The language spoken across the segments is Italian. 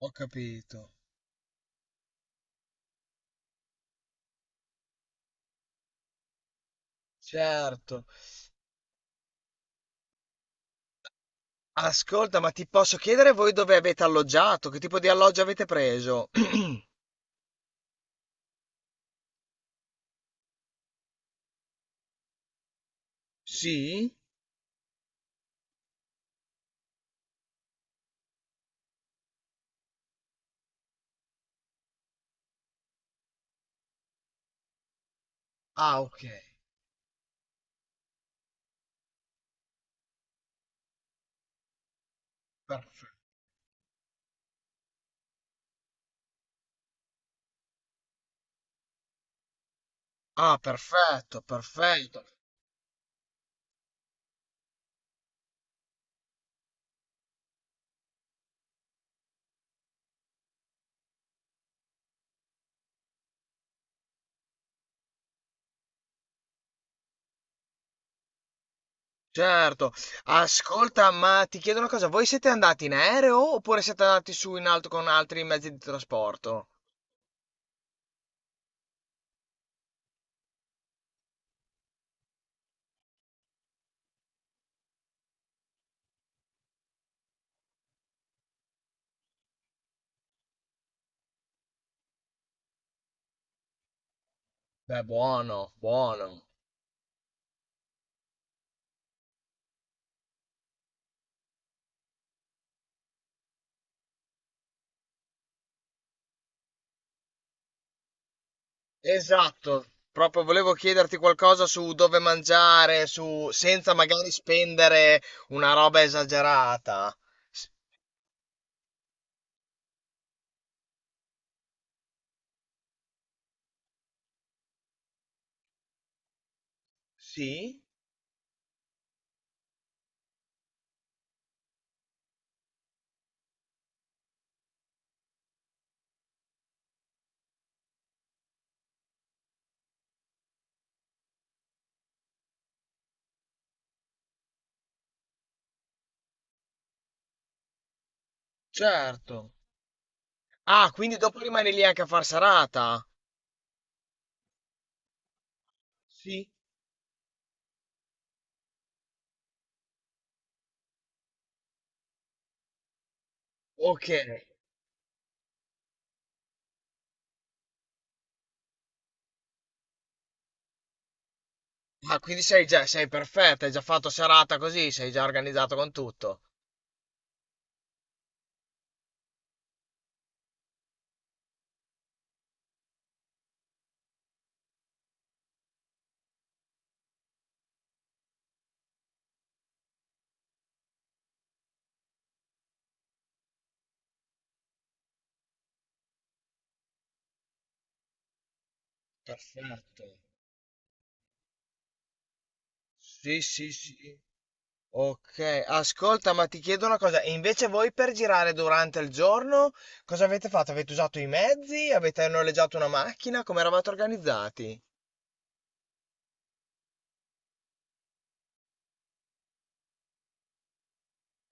Ho capito. Certo. Ascolta, ma ti posso chiedere voi dove avete alloggiato? Che tipo di alloggio avete preso? Sì? Ah, ok. Perfetto. Ah, perfetto, perfetto. Certo. Ascolta, ma ti chiedo una cosa, voi siete andati in aereo oppure siete andati su in alto con altri mezzi di trasporto? Beh, buono, buono. Esatto, proprio volevo chiederti qualcosa su dove mangiare, su senza magari spendere una roba esagerata. S- sì, certo. Ah, quindi dopo rimani lì anche a far serata? Sì. Ok. Ah, quindi sei già, sei perfetta, hai già fatto serata così, sei già organizzato con tutto. Perfetto. Sì, sì, sì. Ok, ascolta, ma ti chiedo una cosa, e invece voi per girare durante il giorno cosa avete fatto? Avete usato i mezzi? Avete noleggiato una macchina? Come eravate organizzati?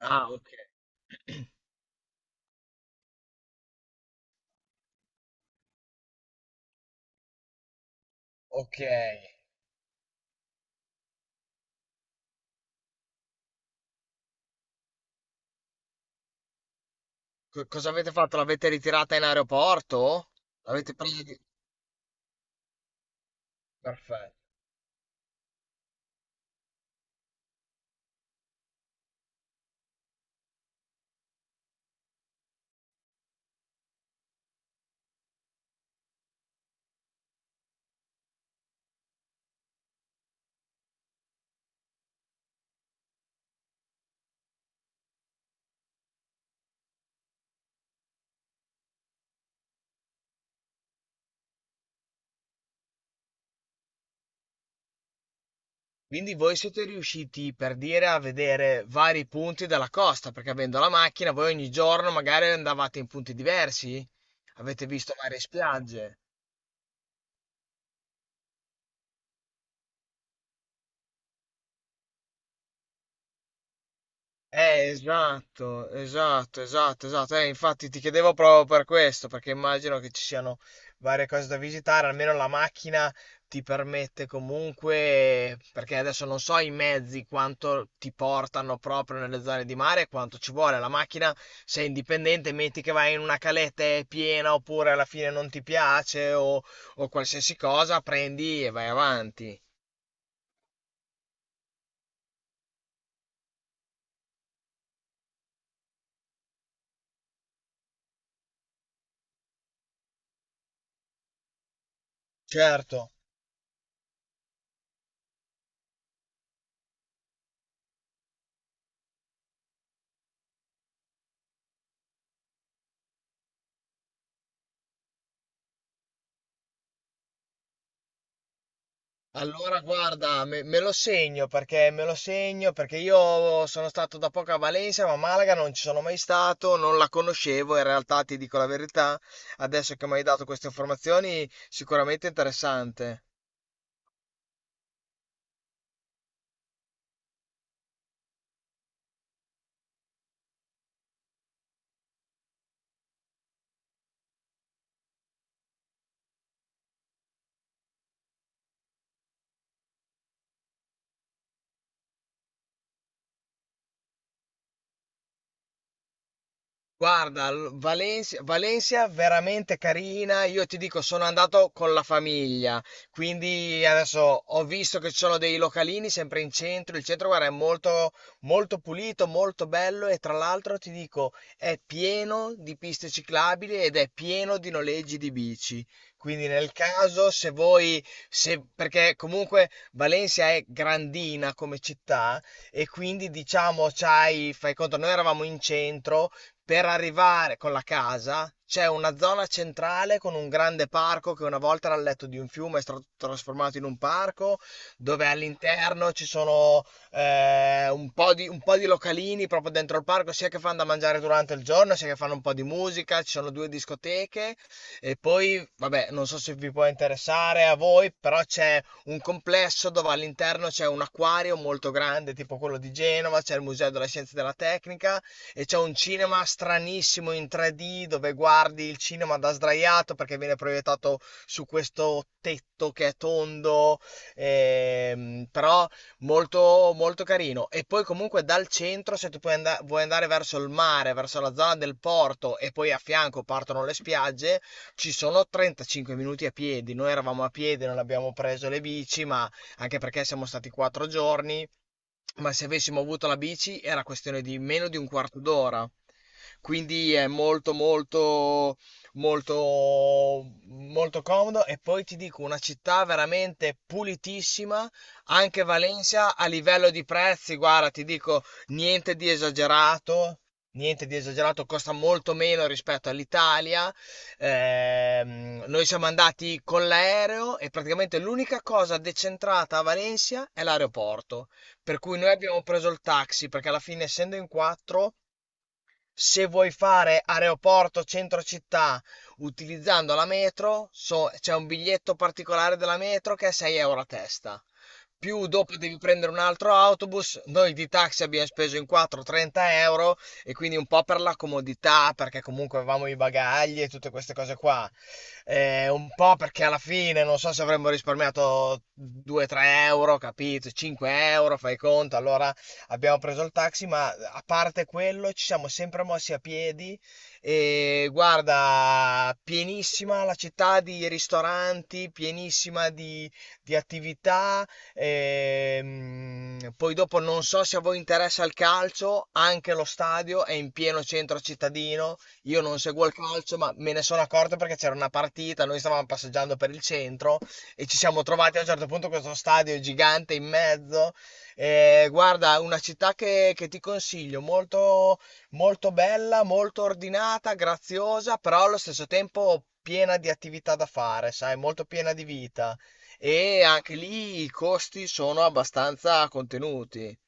Ah, ok. Ok, Co- cosa avete fatto? L'avete ritirata in aeroporto? L'avete presa di... Perfetto. Quindi voi siete riusciti per dire a vedere vari punti della costa, perché avendo la macchina voi ogni giorno magari andavate in punti diversi? Avete visto varie spiagge? Esatto, esatto, esatto, esatto. Infatti ti chiedevo proprio per questo, perché immagino che ci siano varie cose da visitare, almeno la macchina ti permette comunque, perché adesso non so i mezzi quanto ti portano proprio nelle zone di mare, quanto ci vuole. La macchina, sei indipendente, metti che vai in una caletta e è piena oppure alla fine non ti piace o qualsiasi cosa, prendi e vai avanti. Certo. Allora, guarda, me lo segno perché me lo segno perché io sono stato da poco a Valencia, ma a Malaga non ci sono mai stato, non la conoscevo. In realtà, ti dico la verità, adesso che mi hai dato queste informazioni, sicuramente interessante. Guarda, Valencia, Valencia veramente carina. Io ti dico, sono andato con la famiglia, quindi adesso ho visto che ci sono dei localini sempre in centro. Il centro, guarda, è molto, molto pulito, molto bello e tra l'altro ti dico, è pieno di piste ciclabili ed è pieno di noleggi di bici. Quindi nel caso, se voi, se, perché comunque Valencia è grandina come città e quindi diciamo, c'hai, fai conto, noi eravamo in centro. Per arrivare con la casa c'è una zona centrale con un grande parco che una volta era il letto di un fiume, è stato trasformato in un parco, dove all'interno ci sono un po' di localini proprio dentro il parco, sia che fanno da mangiare durante il giorno, sia che fanno un po' di musica, ci sono due discoteche e poi, vabbè, non so se vi può interessare a voi, però c'è un complesso dove all'interno c'è un acquario molto grande, tipo quello di Genova, c'è il Museo della Scienza e della Tecnica e c'è un cinema stranissimo in 3D dove guardi il cinema da sdraiato perché viene proiettato su questo tetto che è tondo, però molto, molto carino. E poi comunque dal centro, se tu vuoi andare verso il mare, verso la zona del porto e poi a fianco partono le spiagge, ci sono 35 minuti a piedi. Noi eravamo a piedi, non abbiamo preso le bici, ma anche perché siamo stati 4 giorni, ma se avessimo avuto la bici era questione di meno di un quarto d'ora. Quindi è molto molto molto molto comodo e poi ti dico una città veramente pulitissima, anche Valencia a livello di prezzi, guarda, ti dico niente di esagerato. Niente di esagerato, costa molto meno rispetto all'Italia. Noi siamo andati con l'aereo e praticamente l'unica cosa decentrata a Valencia è l'aeroporto. Per cui noi abbiamo preso il taxi, perché alla fine essendo in quattro, se vuoi fare aeroporto centro città utilizzando la metro, c'è un biglietto particolare della metro che è 6 euro a testa. Più dopo devi prendere un altro autobus. Noi di taxi abbiamo speso in 4 30 euro e quindi un po' per la comodità, perché comunque avevamo i bagagli e tutte queste cose qua. Un po' perché alla fine non so se avremmo risparmiato 2-3 euro, capito? 5 euro, fai conto. Allora abbiamo preso il taxi, ma a parte quello ci siamo sempre mossi a piedi e guarda, pienissima la città di ristoranti, pienissima di attività. Poi dopo non so se a voi interessa il calcio, anche lo stadio è in pieno centro cittadino. Io non seguo il calcio, ma me ne sono accorto perché c'era una partita, noi stavamo passeggiando per il centro e ci siamo trovati a un certo punto questo stadio gigante in mezzo. Eh, guarda, una città che ti consiglio, molto, molto bella, molto ordinata, graziosa, però allo stesso tempo piena di attività da fare, sai, molto piena di vita. E anche lì i costi sono abbastanza contenuti.